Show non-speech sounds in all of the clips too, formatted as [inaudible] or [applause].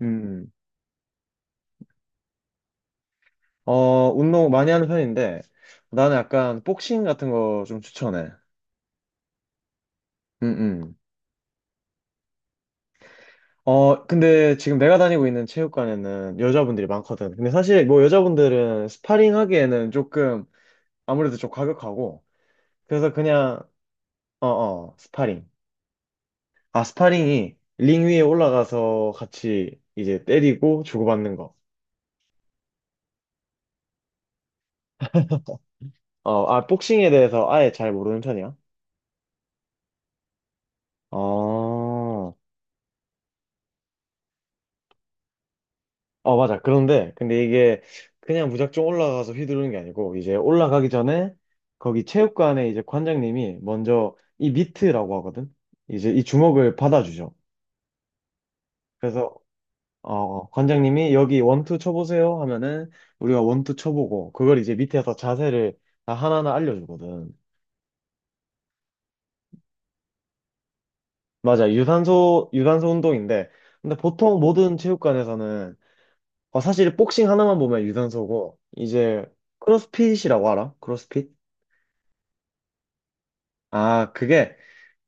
음, 운동 많이 하는 편인데, 나는 약간 복싱 같은 거 좀 추천해. 음, 음. 근데 지금 내가 다니고 있는 체육관에는 여자분들이 많거든. 근데 사실 뭐 여자분들은 스파링 하기에는 조금 아무래도 좀 과격하고, 그래서 그냥, 어, 어, 스파링. 아, 스파링이 링 위에 올라가서 같이 이제 때리고 주고받는 거. 어, 아, 복싱에 대해서 아예 잘 모르는 편이야. 어. 어, 맞아. 근데 이게 그냥 무작정 올라가서 휘두르는 게 아니고, 이제 올라가기 전에 거기 체육관에 이제 관장님이 먼저 이 미트라고 하거든? 이제 이 주먹을 받아주죠. 그래서, 관장님이 여기 원투 쳐보세요 하면은 우리가 원투 쳐보고, 그걸 이제 밑에서 자세를 다 하나하나 알려주거든. 맞아. 유산소 운동인데, 근데 보통 모든 체육관에서는, 사실 복싱 하나만 보면 유산소고, 이제 크로스핏이라고 알아? 크로스핏? 아, 그게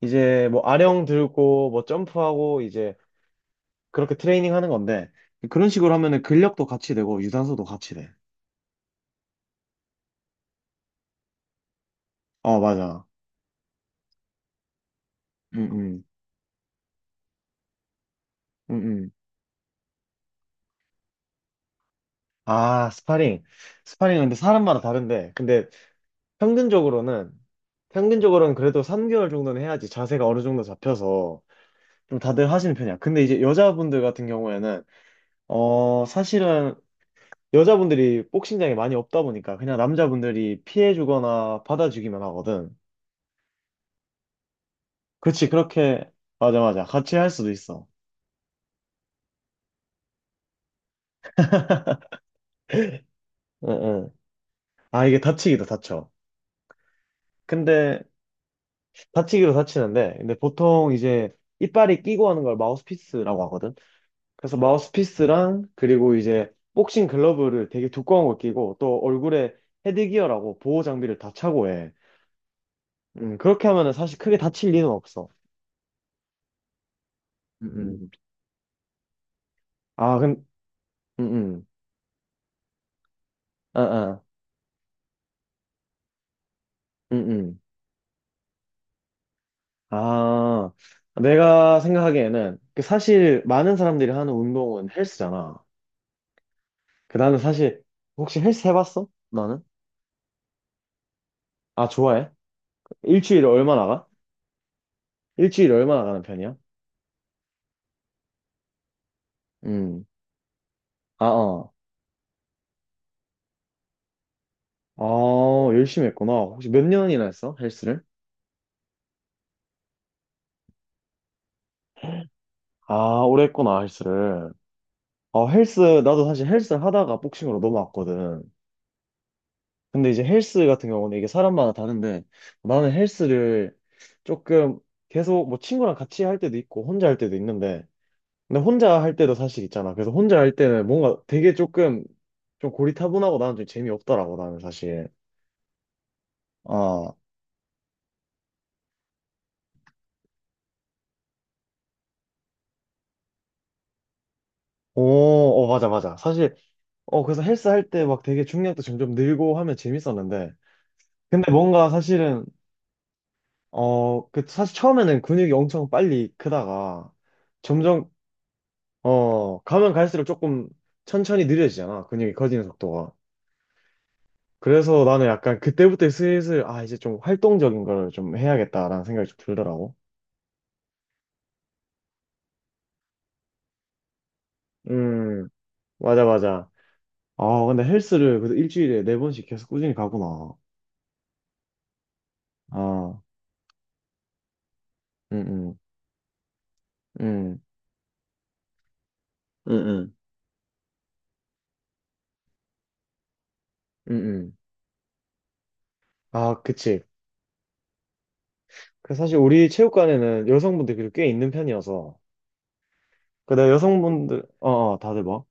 이제 뭐 아령 들고 뭐 점프하고 이제 그렇게 트레이닝 하는 건데 그런 식으로 하면은 근력도 같이 되고 유산소도 같이 돼. 어, 맞아. 음, 음, 음, 음. 아, 스파링. 스파링은 근데 사람마다 다른데 근데 평균적으로는 평균적으로는 그래도 3개월 정도는 해야지 자세가 어느 정도 잡혀서 좀 다들 하시는 편이야. 근데 이제 여자분들 같은 경우에는 사실은 여자분들이 복싱장이 많이 없다 보니까 그냥 남자분들이 피해 주거나 받아주기만 하거든. 그렇지, 그렇게, 맞아, 맞아. 같이 할 수도 있어. 응, 응. 아, 이게 다치기도 다쳐. 근데, 다치기도 다치는데, 근데 보통 이제 이빨이 끼고 하는 걸 마우스피스라고 하거든? 그래서 마우스피스랑, 그리고 이제 복싱 글러브를 되게 두꺼운 걸 끼고, 또 얼굴에 헤드기어라고 보호 장비를 다 차고 해. 그렇게 하면은 사실 크게 다칠 리는 없어. 음, 음. 아, 음, 음. 아, 아, 음, 음. 아, 내가 생각하기에는 그 사실 많은 사람들이 하는 운동은 헬스잖아. 그 나는 사실 혹시 헬스 해봤어? 나는? 아, 좋아해? 일주일에 얼마나 가? 일주일에 얼마나 가는 편이야? 음. 아, 어. 아, 열심히 했구나. 혹시 몇 년이나 했어? 헬스를? 아, 오래 했구나, 헬스를. 아, 헬스, 나도 사실 헬스를 하다가 복싱으로 넘어왔거든. 근데 이제 헬스 같은 경우는 이게 사람마다 다른데 나는 헬스를 조금 계속 뭐 친구랑 같이 할 때도 있고 혼자 할 때도 있는데 근데 혼자 할 때도 사실 있잖아. 그래서 혼자 할 때는 뭔가 되게 조금 좀 고리타분하고 나는 좀 재미없더라고 나는 사실. 아, 오, 어, 맞아, 맞아. 사실, 그래서 헬스 할 때 막 되게 중량도 점점 늘고 하면 재밌었는데 근데 뭔가 사실은 그 사실 처음에는 근육이 엄청 빨리 크다가 점점 가면 갈수록 조금 천천히 느려지잖아. 근육이 커지는 속도가. 그래서 나는 약간 그때부터 슬슬, 아, 이제 좀 활동적인 걸 좀 해야겠다라는 생각이 좀 들더라고. 음, 맞아, 맞아. 아, 근데 헬스를 그래도 일주일에 네 번씩 계속 꾸준히 가구나. 아, 응, 응, 응, 응, 응, 응. 아, 그치. 그 사실 우리 체육관에는 여성분들이 그래도 꽤 있는 편이어서. 근데 여성분들, 다들 뭐?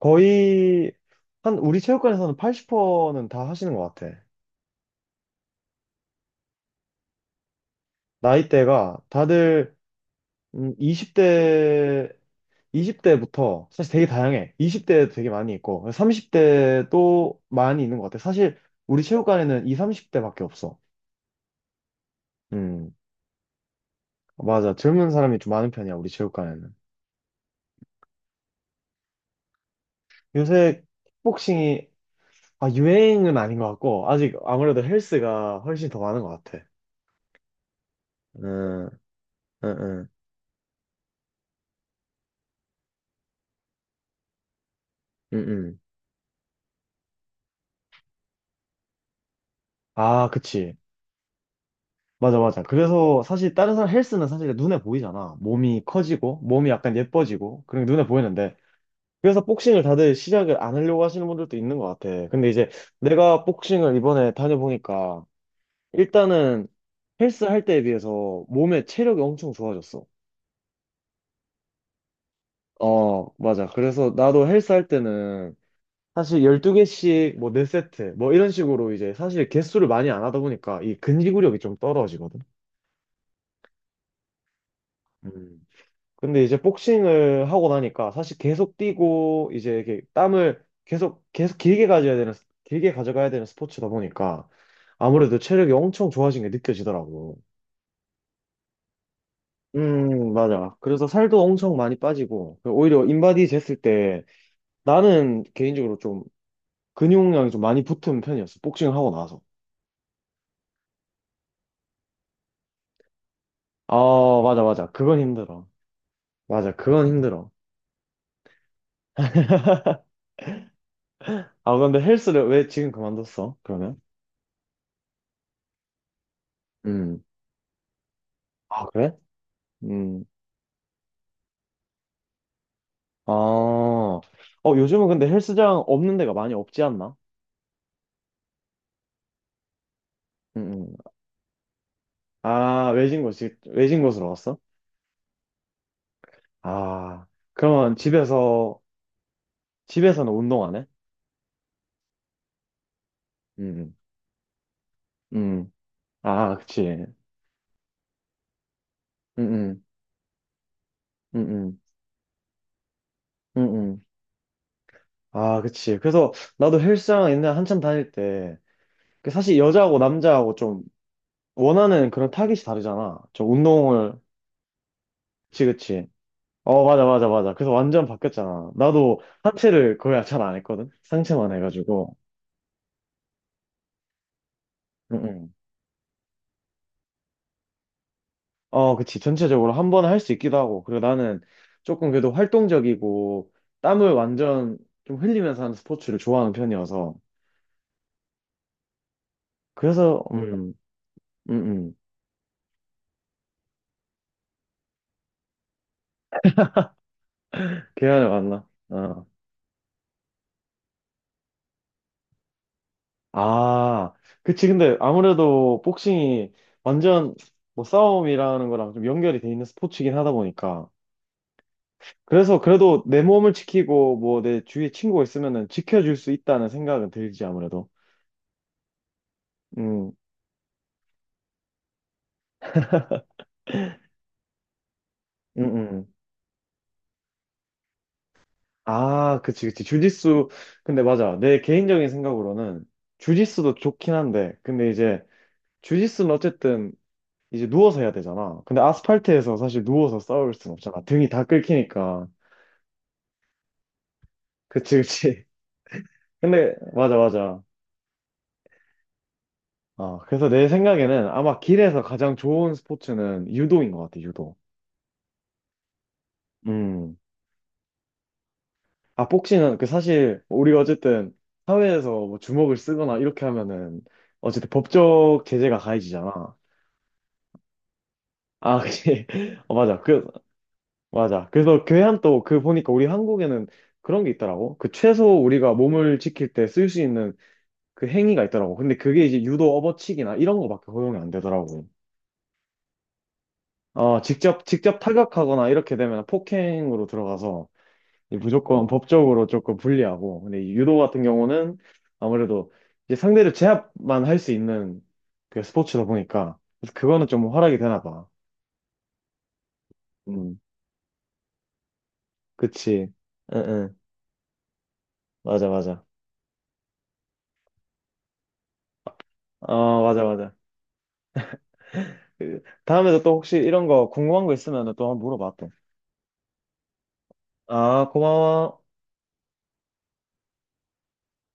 거의, 한, 우리 체육관에서는 80%는 다 하시는 것 같아. 나이대가 다들 음, 20대 20대부터 사실 되게 다양해. 20대도 되게 많이 있고 30대도 많이 있는 것 같아. 사실 우리 체육관에는 2, 30대밖에 없어. 음, 맞아. 젊은 사람이 좀 많은 편이야, 우리 체육관에는. 요새 킥복싱이, 아, 유행은 아닌 것 같고 아직 아무래도 헬스가 훨씬 더 많은 것 같아. 음, 음, 음, 음, 음. 아, 그치. 맞아, 맞아. 그래서 사실 다른 사람 헬스는 사실 눈에 보이잖아. 몸이 커지고, 몸이 약간 예뻐지고, 그런 게 눈에 보이는데. 그래서 복싱을 다들 시작을 안 하려고 하시는 분들도 있는 것 같아. 근데 이제 내가 복싱을 이번에 다녀보니까, 일단은 헬스 할 때에 비해서 몸의 체력이 엄청 좋아졌어. 어, 맞아. 그래서 나도 헬스 할 때는 사실 12개씩 뭐 4세트, 뭐 이런 식으로 이제 사실 개수를 많이 안 하다 보니까 이 근지구력이 좀 떨어지거든. 음. 근데 이제 복싱을 하고 나니까 사실 계속 뛰고 이제 이게 땀을 계속 계속 길게 가져가야 되는 스포츠다 보니까 아무래도 체력이 엄청 좋아진 게 느껴지더라고. 맞아. 그래서 살도 엄청 많이 빠지고 오히려 인바디 쟀을 때 나는 개인적으로 좀 근육량이 좀 많이 붙은 편이었어. 복싱을 하고 나서. 아, 맞아, 맞아. 그건 힘들어. 맞아, 그건 힘들어. 아, 근데 헬스를 왜 지금 그만뒀어? 그러면? 음. 아, 그래? 음. 아, 요즘은 근데 헬스장 없는 데가 많이 없지 않나? 음, 음. 아, 외진 곳으로 갔어? 아, 그러면 집에서는 운동 안 해? 음, 음. 아, 그치. 음, 음, 음, 음, 음. 아, 그치. 그래서 나도 헬스장 옛날에 한참 다닐 때, 그 사실 여자하고 남자하고 좀 원하는 그런 타깃이 다르잖아. 좀 운동을, 그치, 그치. 어, 맞아, 맞아, 맞아. 그래서 완전 바뀌었잖아. 나도 하체를 거의 잘 안 했거든? 상체만 해가지고. 응, 응. 어, 그치. 전체적으로 한 번에 할 수 있기도 하고. 그리고 나는 조금 그래도 활동적이고, 땀을 완전 좀 흘리면서 하는 스포츠를 좋아하는 편이어서. 그래서, 음, 음. 계란을 만나. 어. 아, 그치. 근데 아무래도 복싱이 완전 뭐 싸움이라는 거랑 좀 연결이 돼 있는 스포츠이긴 하다 보니까. 그래서 그래도 내 몸을 지키고 뭐 내 주위에 친구가 있으면은 지켜줄 수 있다는 생각은 들지 아무래도. 음, 음, 음. 아, 그치, 그치. 주짓수. 근데 맞아. 내 개인적인 생각으로는 주짓수도 좋긴 한데, 근데 이제 주짓수는 어쨌든 이제 누워서 해야 되잖아. 근데 아스팔트에서 사실 누워서 싸울 순 없잖아. 등이 다 긁히니까. 그치, 그치. [laughs] 근데 맞아, 맞아. 아, 그래서 내 생각에는 아마 길에서 가장 좋은 스포츠는 유도인 것 같아, 유도. 음. 아, 복싱은 그 사실 우리가 어쨌든 사회에서 뭐 주먹을 쓰거나 이렇게 하면은 어쨌든 법적 제재가 가해지잖아. 아, 그치. [laughs] 어, 맞아. 맞아. 그래서 교회한 또 그 보니까 우리 한국에는 그런 게 있더라고. 그 최소 우리가 몸을 지킬 때 쓸 수 있는 그 행위가 있더라고. 근데 그게 이제 유도 업어치기나 이런 거밖에 허용이 안 되더라고. 어, 직접 타격하거나 이렇게 되면 폭행으로 들어가서 이제 무조건 법적으로 조금 불리하고, 근데 이 유도 같은 경우는 아무래도 이제 상대를 제압만 할 수 있는 그 스포츠다 보니까, 그래서 그거는 좀 활약이 되나 봐. 음, 그치. 응, 응. 맞아, 맞아. 어, 맞아, 맞아. 다음에도 또 혹시 이런 거 궁금한 거 있으면 또 한번 물어봐, 또. 아, 고마워.